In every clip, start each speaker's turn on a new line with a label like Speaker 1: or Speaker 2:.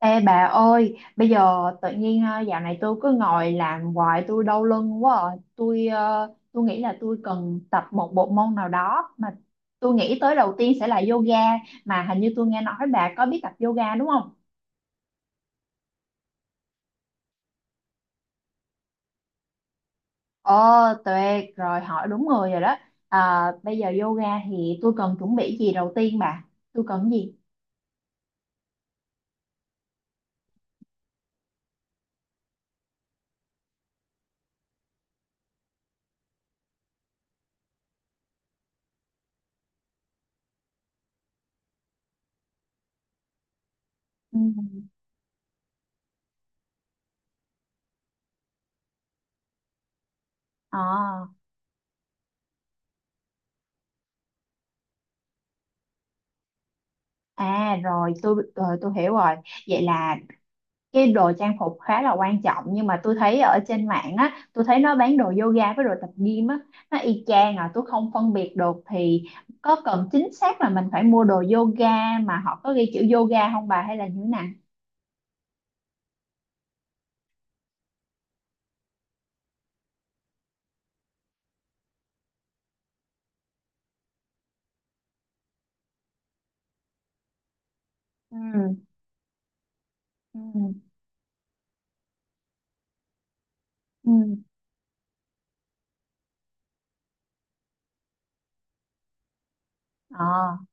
Speaker 1: Ê bà ơi, bây giờ tự nhiên dạo này tôi cứ ngồi làm hoài tôi đau lưng quá à. Tôi nghĩ là tôi cần tập một bộ môn nào đó mà tôi nghĩ tới đầu tiên sẽ là yoga, mà hình như tôi nghe nói bà có biết tập yoga đúng không? Ồ, tuyệt rồi, hỏi đúng người rồi đó. À, bây giờ yoga thì tôi cần chuẩn bị gì đầu tiên bà? Tôi cần gì? Ừ. À, rồi tôi hiểu rồi. Vậy là cái đồ trang phục khá là quan trọng, nhưng mà tôi thấy ở trên mạng á, tôi thấy nó bán đồ yoga với đồ tập gym á, nó y chang à, tôi không phân biệt được. Thì có cần chính xác là mình phải mua đồ yoga mà họ có ghi chữ yoga không bà, hay là như thế nào? Ừ. Ừ. Ừ. Ờ,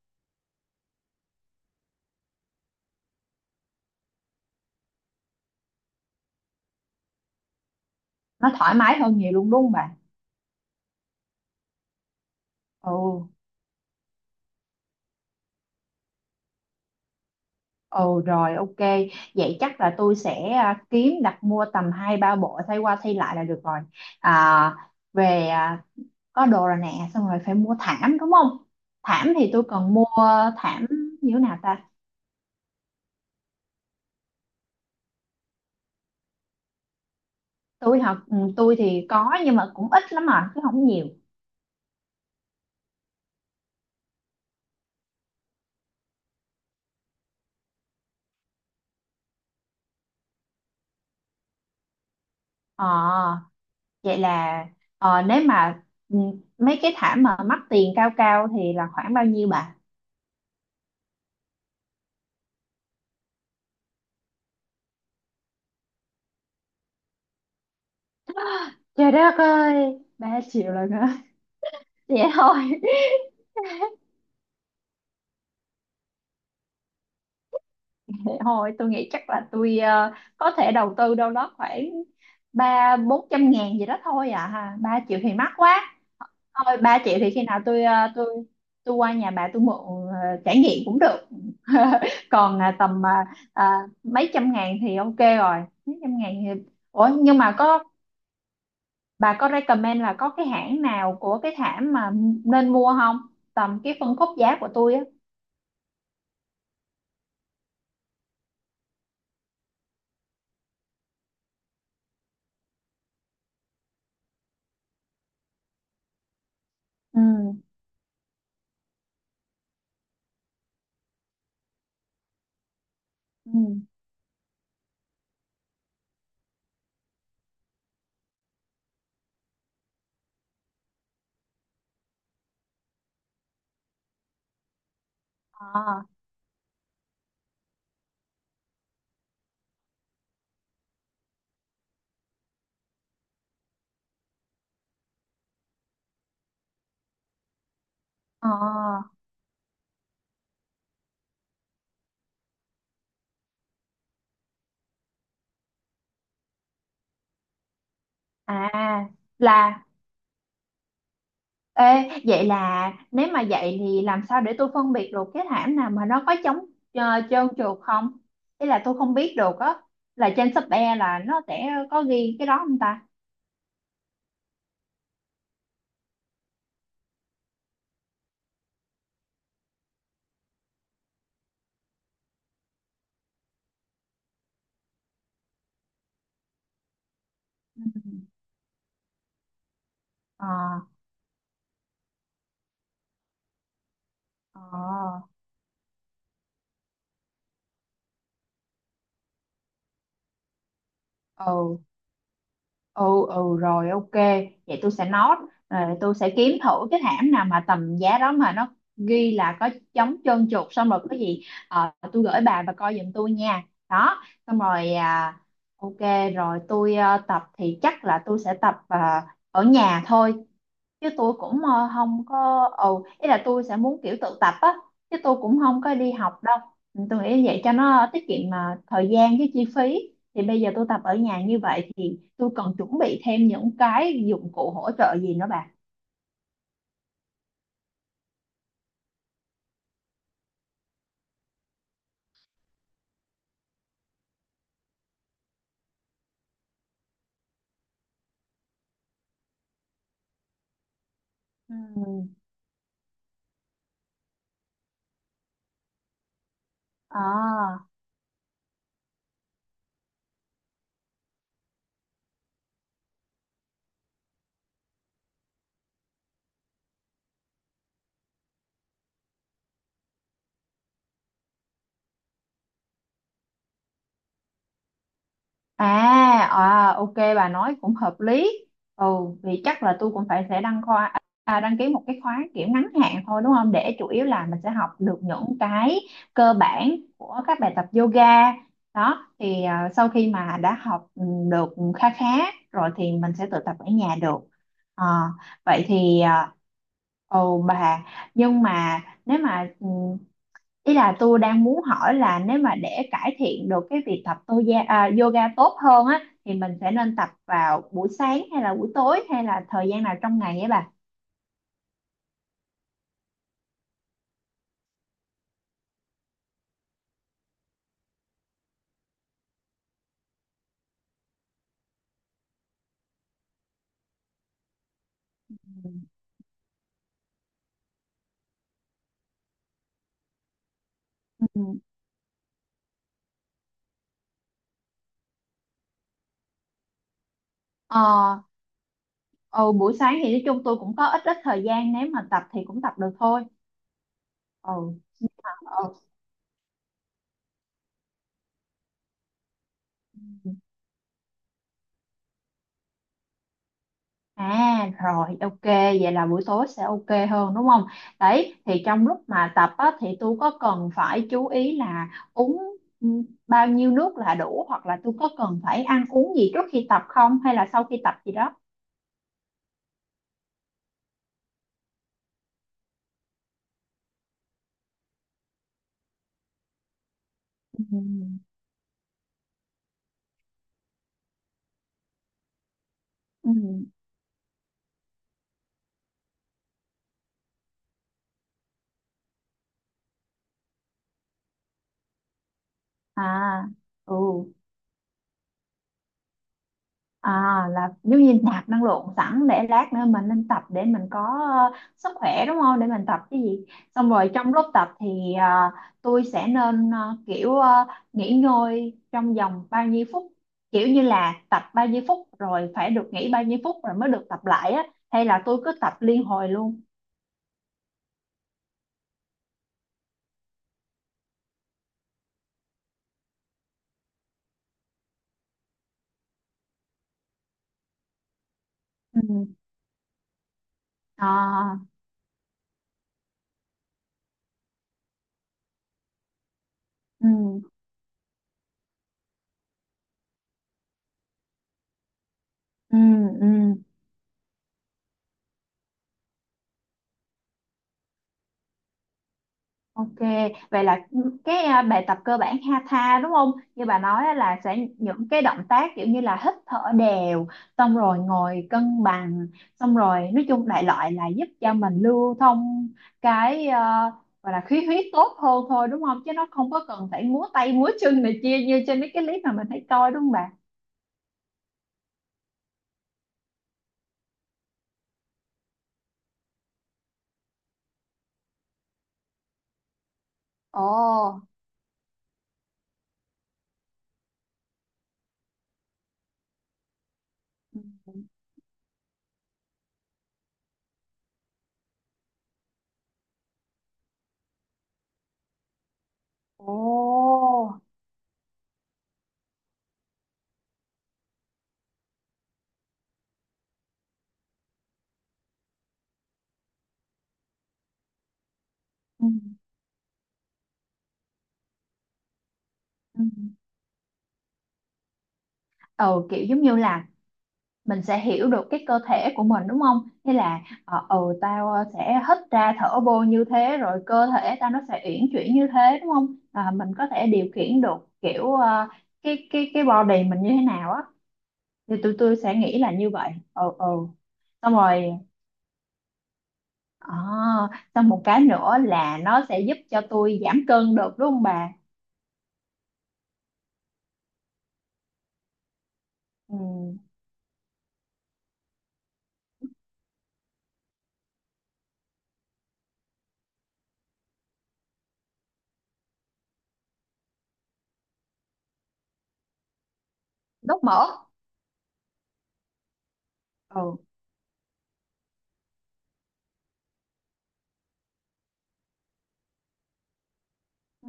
Speaker 1: nó thoải mái hơn nhiều luôn đúng không bà? Ừ, ừ, rồi ok. Vậy chắc là tôi sẽ kiếm đặt mua tầm hai ba bộ thay qua thay lại là được rồi. À, về, à, có đồ rồi nè, xong rồi phải mua thảm đúng không? Thảm thì tôi cần mua thảm như thế nào ta? Tôi học tôi thì có nhưng mà cũng ít lắm, mà chứ không nhiều. Ờ, vậy là, nếu mà, ừ, mấy cái thảm mà mắc tiền cao cao thì là khoảng bao nhiêu bà? Trời đất ơi, ba triệu là hả? Vậy thôi. Vậy thôi tôi nghĩ chắc là có thể đầu tư đâu đó khoảng ba bốn trăm ngàn gì đó thôi à ha, ba triệu thì mắc quá. Thôi ba triệu thì khi nào tôi tôi qua nhà bà tôi mượn, ờ, trải nghiệm cũng được. Còn tầm, à, mấy trăm ngàn thì ok rồi, mấy trăm ngàn thì... Ủa nhưng mà có, bà có recommend là có cái hãng nào của cái thảm mà nên mua không, tầm cái phân khúc giá của tôi á? Ừ. Ừ. Ờ. Ờ. À, là Ê, vậy là nếu mà vậy thì làm sao để tôi phân biệt được cái thảm nào mà nó có chống trơn trượt không? Ý là tôi không biết được á, là trên shop e là nó sẽ có ghi cái đó không ta? Ừ. Ờ. Ờ. Ừ. Ừ, ừ, rồi ok, vậy tôi sẽ note, rồi tôi sẽ kiếm thử cái hãng nào mà tầm giá đó mà nó ghi là có chống trơn trượt, xong rồi có gì tôi gửi bà và coi giùm tôi nha. Đó, xong rồi, à, ok. Rồi tập thì chắc là tôi sẽ tập, ở nhà thôi, chứ không có, ừ, ý là tôi sẽ muốn kiểu tự tập á, chứ tôi cũng không có đi học đâu. Ừ, tôi nghĩ vậy cho nó tiết kiệm mà thời gian với chi phí. Thì bây giờ tôi tập ở nhà như vậy thì tôi cần chuẩn bị thêm những cái dụng cụ hỗ trợ gì nữa bà? Ừ. À. À, à, ok, bà nói cũng hợp lý. Ừ, vì chắc là tôi cũng phải sẽ đăng ký một cái khóa kiểu ngắn hạn thôi đúng không? Để chủ yếu là mình sẽ học được những cái cơ bản của các bài tập yoga. Đó, thì à, sau khi mà đã học được khá khá rồi thì mình sẽ tự tập ở nhà được. Ờ, vậy thì, à, ồ bà, nhưng mà nếu mà, ừ, ý là tôi đang muốn hỏi là nếu mà để cải thiện được cái việc yoga tốt hơn á thì mình sẽ nên tập vào buổi sáng hay là buổi tối hay là thời gian nào trong ngày ấy bà? Ừ. Ừ. Ờ, ừ, buổi sáng thì nói chung tôi cũng có ít ít thời gian, nếu mà tập thì cũng tập được thôi. Ừ. Nhưng mà, ừ. À, rồi ok, vậy là buổi tối sẽ ok hơn đúng không? Đấy thì trong lúc mà tập á, thì tôi có cần phải chú ý là uống, ừ, bao nhiêu nước là đủ, hoặc là tôi có cần phải ăn uống gì trước khi tập không, hay là sau khi tập gì đó? Ừ. Ừ. À. Ừ. À, là giống như nạp năng lượng sẵn để lát nữa mình lên tập để mình có, ờ, sức khỏe đúng không? Để mình tập cái gì. Xong rồi trong lúc tập thì, tôi sẽ nên, nghỉ ngơi trong vòng bao nhiêu phút. Kiểu như là tập bao nhiêu phút rồi phải được nghỉ bao nhiêu phút rồi mới được tập lại á. Hay là tôi cứ tập liên hồi luôn. Ừ. À, ừ, ừ, ừ. Ok, vậy là cái, à, bài tập cơ bản hatha đúng không? Như bà nói á, là sẽ những cái động tác kiểu như là hít thở đều, xong rồi ngồi cân bằng, xong rồi nói chung đại loại là giúp cho mình lưu thông cái, à, gọi là khí huyết tốt hơn thôi đúng không? Chứ nó không có cần phải múa tay múa chân này kia như trên mấy cái clip mà mình thấy coi đúng không bà? Ồ. Ừ. Ồ. Ừ. Ừ, ừ, kiểu giống như là mình sẽ hiểu được cái cơ thể của mình đúng không? Thế là tao, sẽ hít ra thở vô như thế rồi cơ thể tao nó sẽ uyển chuyển như thế đúng không? À, mình có thể điều khiển được kiểu, ờ, cái body mình như thế nào á, thì tụi tôi sẽ nghĩ là như vậy. Ừ, ừ. Xong rồi, ờ, xong một cái nữa là nó sẽ giúp cho tôi giảm cân được đúng không bà? Ừ, đốt mỡ. Ừ.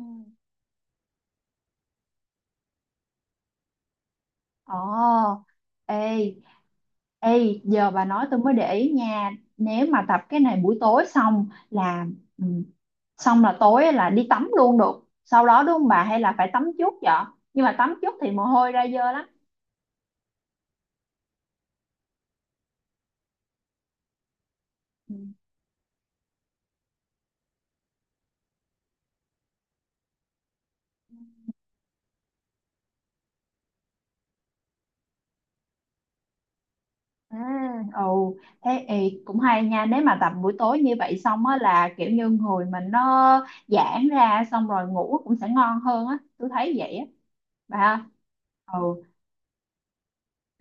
Speaker 1: Ồ, ê, ê, giờ bà nói tôi mới để ý nha. Nếu mà tập cái này buổi tối xong là, ừ, xong là tối là đi tắm luôn được. Sau đó đúng không bà, hay là phải tắm trước vậy? Nhưng mà tắm trước thì mồ hôi ra dơ lắm. Ừ. À, ồ, thế ê, cũng hay nha. Nếu mà tập buổi tối như vậy xong á là kiểu như người mình nó giãn ra, xong rồi ngủ cũng sẽ ngon hơn á. Tôi thấy vậy á. Bà. Ừ,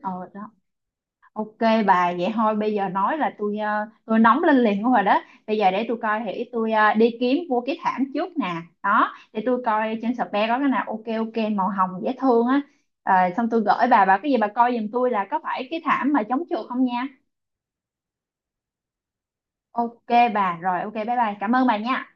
Speaker 1: ừ, đó. Ok bà, vậy thôi bây giờ nói là tôi nóng lên liền rồi đó. Bây giờ để tôi coi thì đi kiếm mua cái thảm trước nè. Đó để tôi coi trên Shopee có cái nào ok ok màu hồng dễ thương á. Ờ, xong tôi gửi bà cái gì bà coi giùm tôi là có phải cái thảm mà chống trượt không nha. Ok bà, rồi ok, bye bye, cảm ơn bà nha.